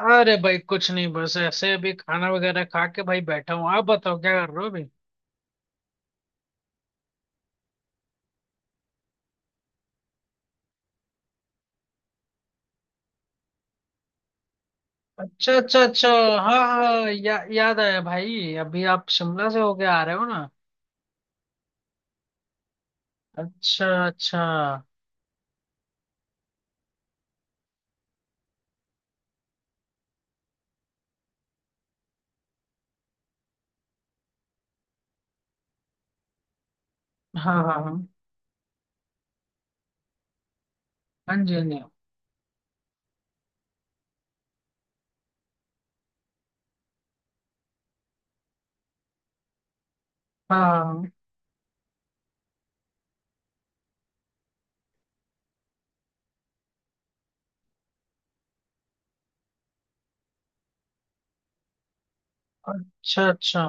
अरे भाई कुछ नहीं, बस ऐसे अभी खाना वगैरह खा के भाई बैठा हूँ। आप बताओ क्या कर रहे हो अभी। अच्छा अच्छा अच्छा। हाँ हाँ, याद आया भाई, अभी आप शिमला से होके आ रहे हो ना। अच्छा अच्छा हाँ। हाँ हाँ हाँ जी, हाँ जी। हाँ हाँ हाँ। अच्छा अच्छा।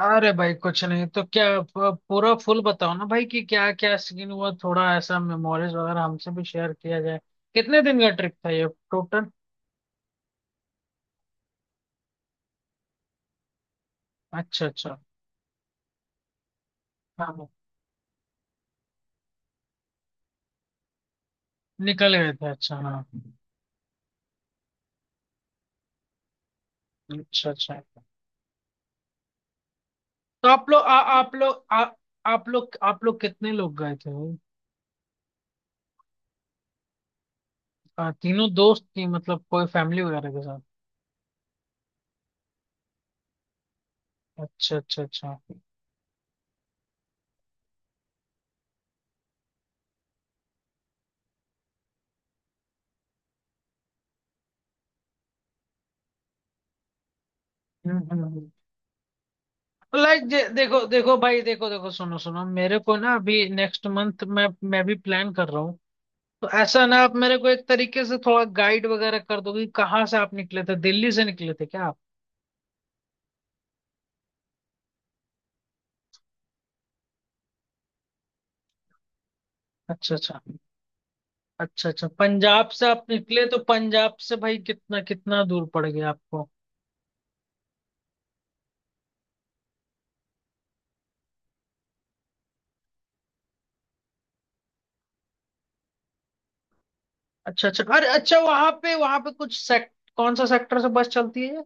अरे भाई कुछ नहीं, तो क्या पूरा फुल बताओ ना भाई कि क्या क्या सीन हुआ। थोड़ा ऐसा मेमोरीज वगैरह हमसे भी शेयर किया जाए। कितने दिन का ट्रिप था ये टोटल। अच्छा अच्छा। हाँ हाँ। निकल गए थे, अच्छा हाँ। अच्छा अच्छा, तो आप लोग, आप लोग कितने लोग गए थे। तीनों दोस्त थी मतलब, कोई फैमिली वगैरह के साथ। अच्छा अच्छा अच्छा। हम्म। लाइक, देखो देखो भाई, देखो देखो, सुनो सुनो, मेरे को ना अभी next month मैं भी प्लान कर रहा हूँ। तो ऐसा ना आप मेरे को एक तरीके से थोड़ा गाइड वगैरह कर दोगे कि कहाँ से आप निकले थे। दिल्ली से निकले थे क्या आप। अच्छा अच्छा। अच्छा अच्छा, पंजाब से आप निकले तो पंजाब से भाई कितना कितना दूर पड़ गया आपको। अच्छा अच्छा, अरे अच्छा, वहां पे कुछ सेक्ट कौन सा सेक्टर से बस चलती है।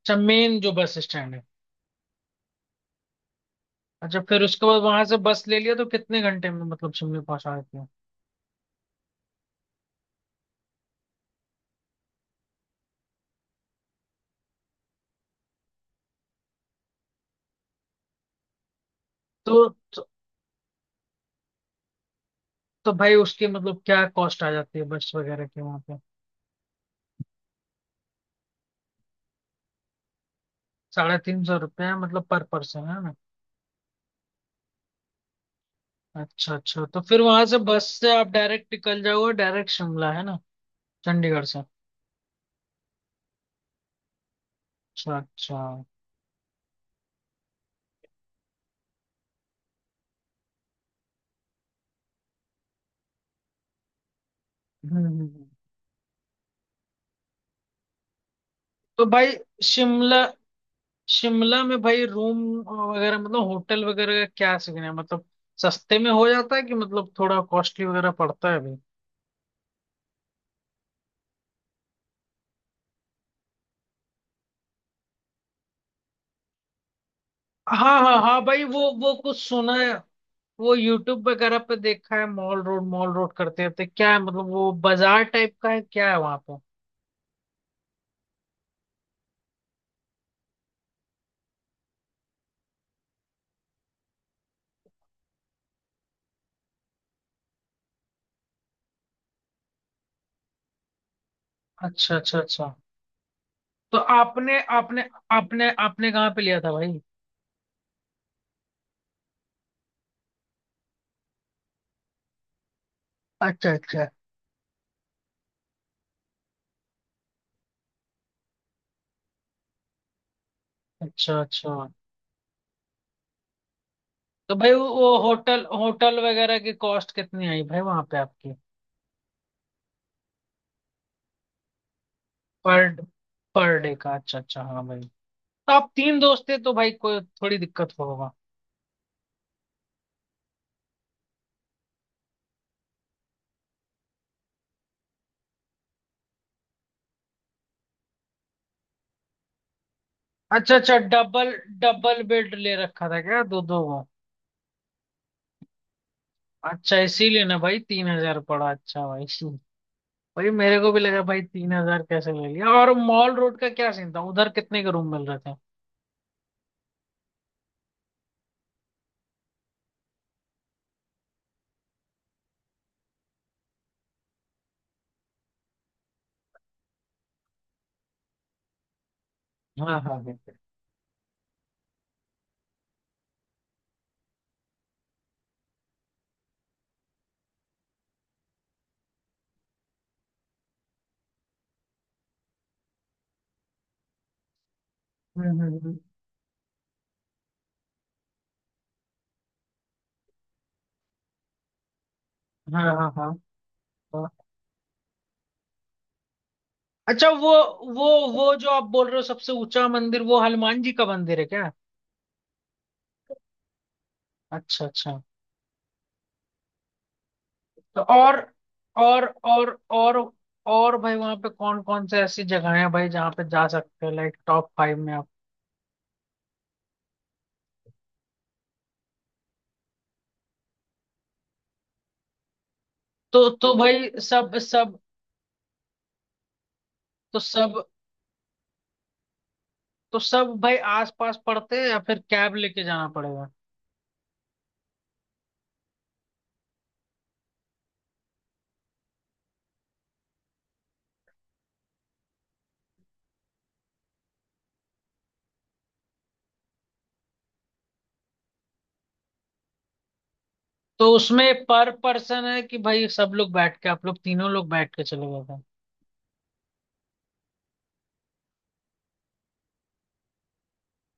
अच्छा, मेन जो बस स्टैंड है। अच्छा, फिर उसके बाद वहां से बस ले लिया तो कितने घंटे में मतलब शिमला पहुंचा देती है। तो तो भाई उसकी मतलब क्या कॉस्ट आ जाती है बस वगैरह की वहां पे। ₹350 है, मतलब पर पर्सन है ना। अच्छा अच्छा, तो फिर वहां से बस से आप डायरेक्ट निकल जाओगे, डायरेक्ट शिमला है ना, चंडीगढ़ से। अच्छा अच्छा। हम्म, हम्म। तो भाई शिमला, शिमला में भाई रूम वगैरह मतलब होटल वगैरह का क्या सीन है, मतलब सस्ते में हो जाता है कि मतलब थोड़ा कॉस्टली वगैरह पड़ता है भाई। हाँ हाँ हाँ भाई, वो कुछ सुना है, वो यूट्यूब वगैरह पे देखा है। मॉल रोड करते रहते, क्या है मतलब, वो बाजार टाइप का है क्या है वहां पे। अच्छा अच्छा अच्छा। तो आपने आपने आपने आपने कहाँ पे लिया था भाई। अच्छा अच्छा। अच्छा अच्छा, तो भाई वो होटल, होटल वगैरह की कॉस्ट कितनी आई भाई वहां पे आपकी। पर पर डे का, अच्छा अच्छा हाँ भाई। तो आप तीन दोस्त थे तो भाई कोई थोड़ी दिक्कत होगा। अच्छा अच्छा, डबल, डबल बेड ले रखा था क्या दो दो को। अच्छा, इसीलिए ना भाई 3,000 पड़ा। अच्छा भाई भाई मेरे को भी लगा भाई, 3,000 कैसे ले लिया। और मॉल रोड का क्या सीन था, उधर कितने के रूम मिल रहे थे। हाँ हाँ बिल्कुल। हम्म हम्म, हम्म। हाँ हाँ हाँ हाँ। अच्छा, वो वो जो आप बोल रहे हो सबसे ऊंचा मंदिर, वो हनुमान जी का मंदिर है क्या। अच्छा अच्छा। तो और और और और भाई वहाँ पे कौन कौन से ऐसी जगह है भाई जहाँ पे जा सकते हैं, लाइक top 5 में आप। तो भाई सब सब तो सब तो सब भाई आस पास पड़ते हैं या फिर कैब लेके जाना पड़ेगा। तो उसमें पर पर्सन है कि भाई सब लोग बैठ के, आप लोग तीनों लोग बैठ के चले गए थे।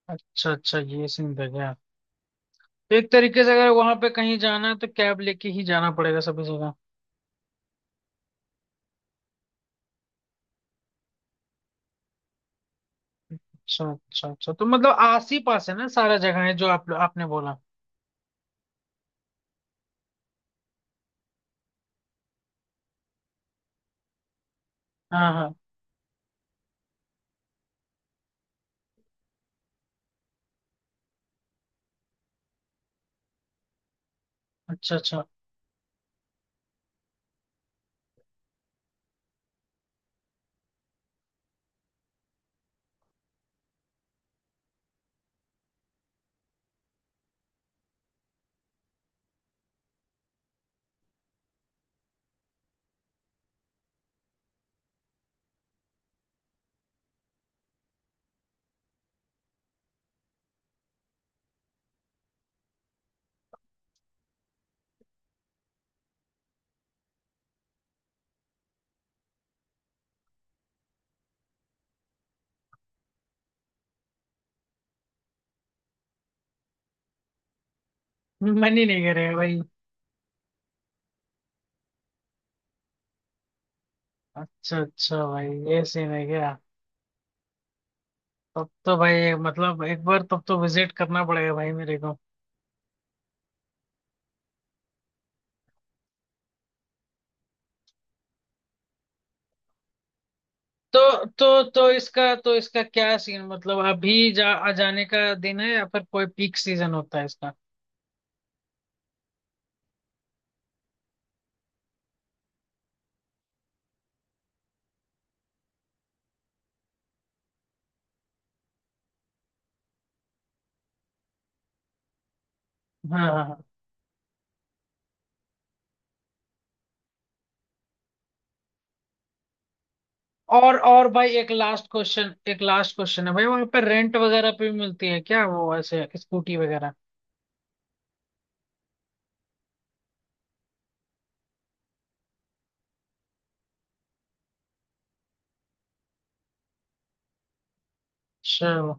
अच्छा अच्छा, ये सीन था क्या। तो एक तरीके से अगर वहां पे कहीं जाना है तो कैब लेके ही जाना पड़ेगा सभी जगह। अच्छा अच्छा अच्छा, तो मतलब आस ही पास है ना सारा जगह है जो आप आपने बोला। हाँ हाँ। अच्छा अच्छा, मन ही नहीं करेगा भाई। अच्छा अच्छा भाई, ये सीन है क्या। तब तो भाई मतलब एक बार तब तो विजिट करना पड़ेगा भाई मेरे को। तो इसका क्या सीन, मतलब अभी जा आ जाने का दिन है या फिर कोई पीक सीजन होता है इसका। हाँ हाँ हाँ। और भाई, एक लास्ट क्वेश्चन, एक लास्ट क्वेश्चन है भाई, वहां पर रेंट वगैरह पे भी मिलती है क्या वो ऐसे स्कूटी वगैरह। चलो,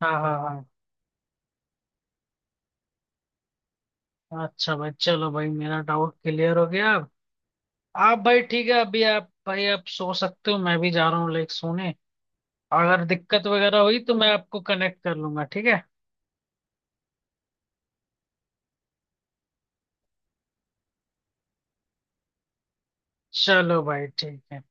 हाँ हाँ हाँ। अच्छा भाई चलो भाई, मेरा डाउट क्लियर हो गया। आप भाई ठीक है, अभी आप भाई आप सो सकते हो, मैं भी जा रहा हूँ लाइक सोने। अगर दिक्कत वगैरह हुई तो मैं आपको कनेक्ट कर लूंगा, ठीक है। चलो भाई, ठीक है।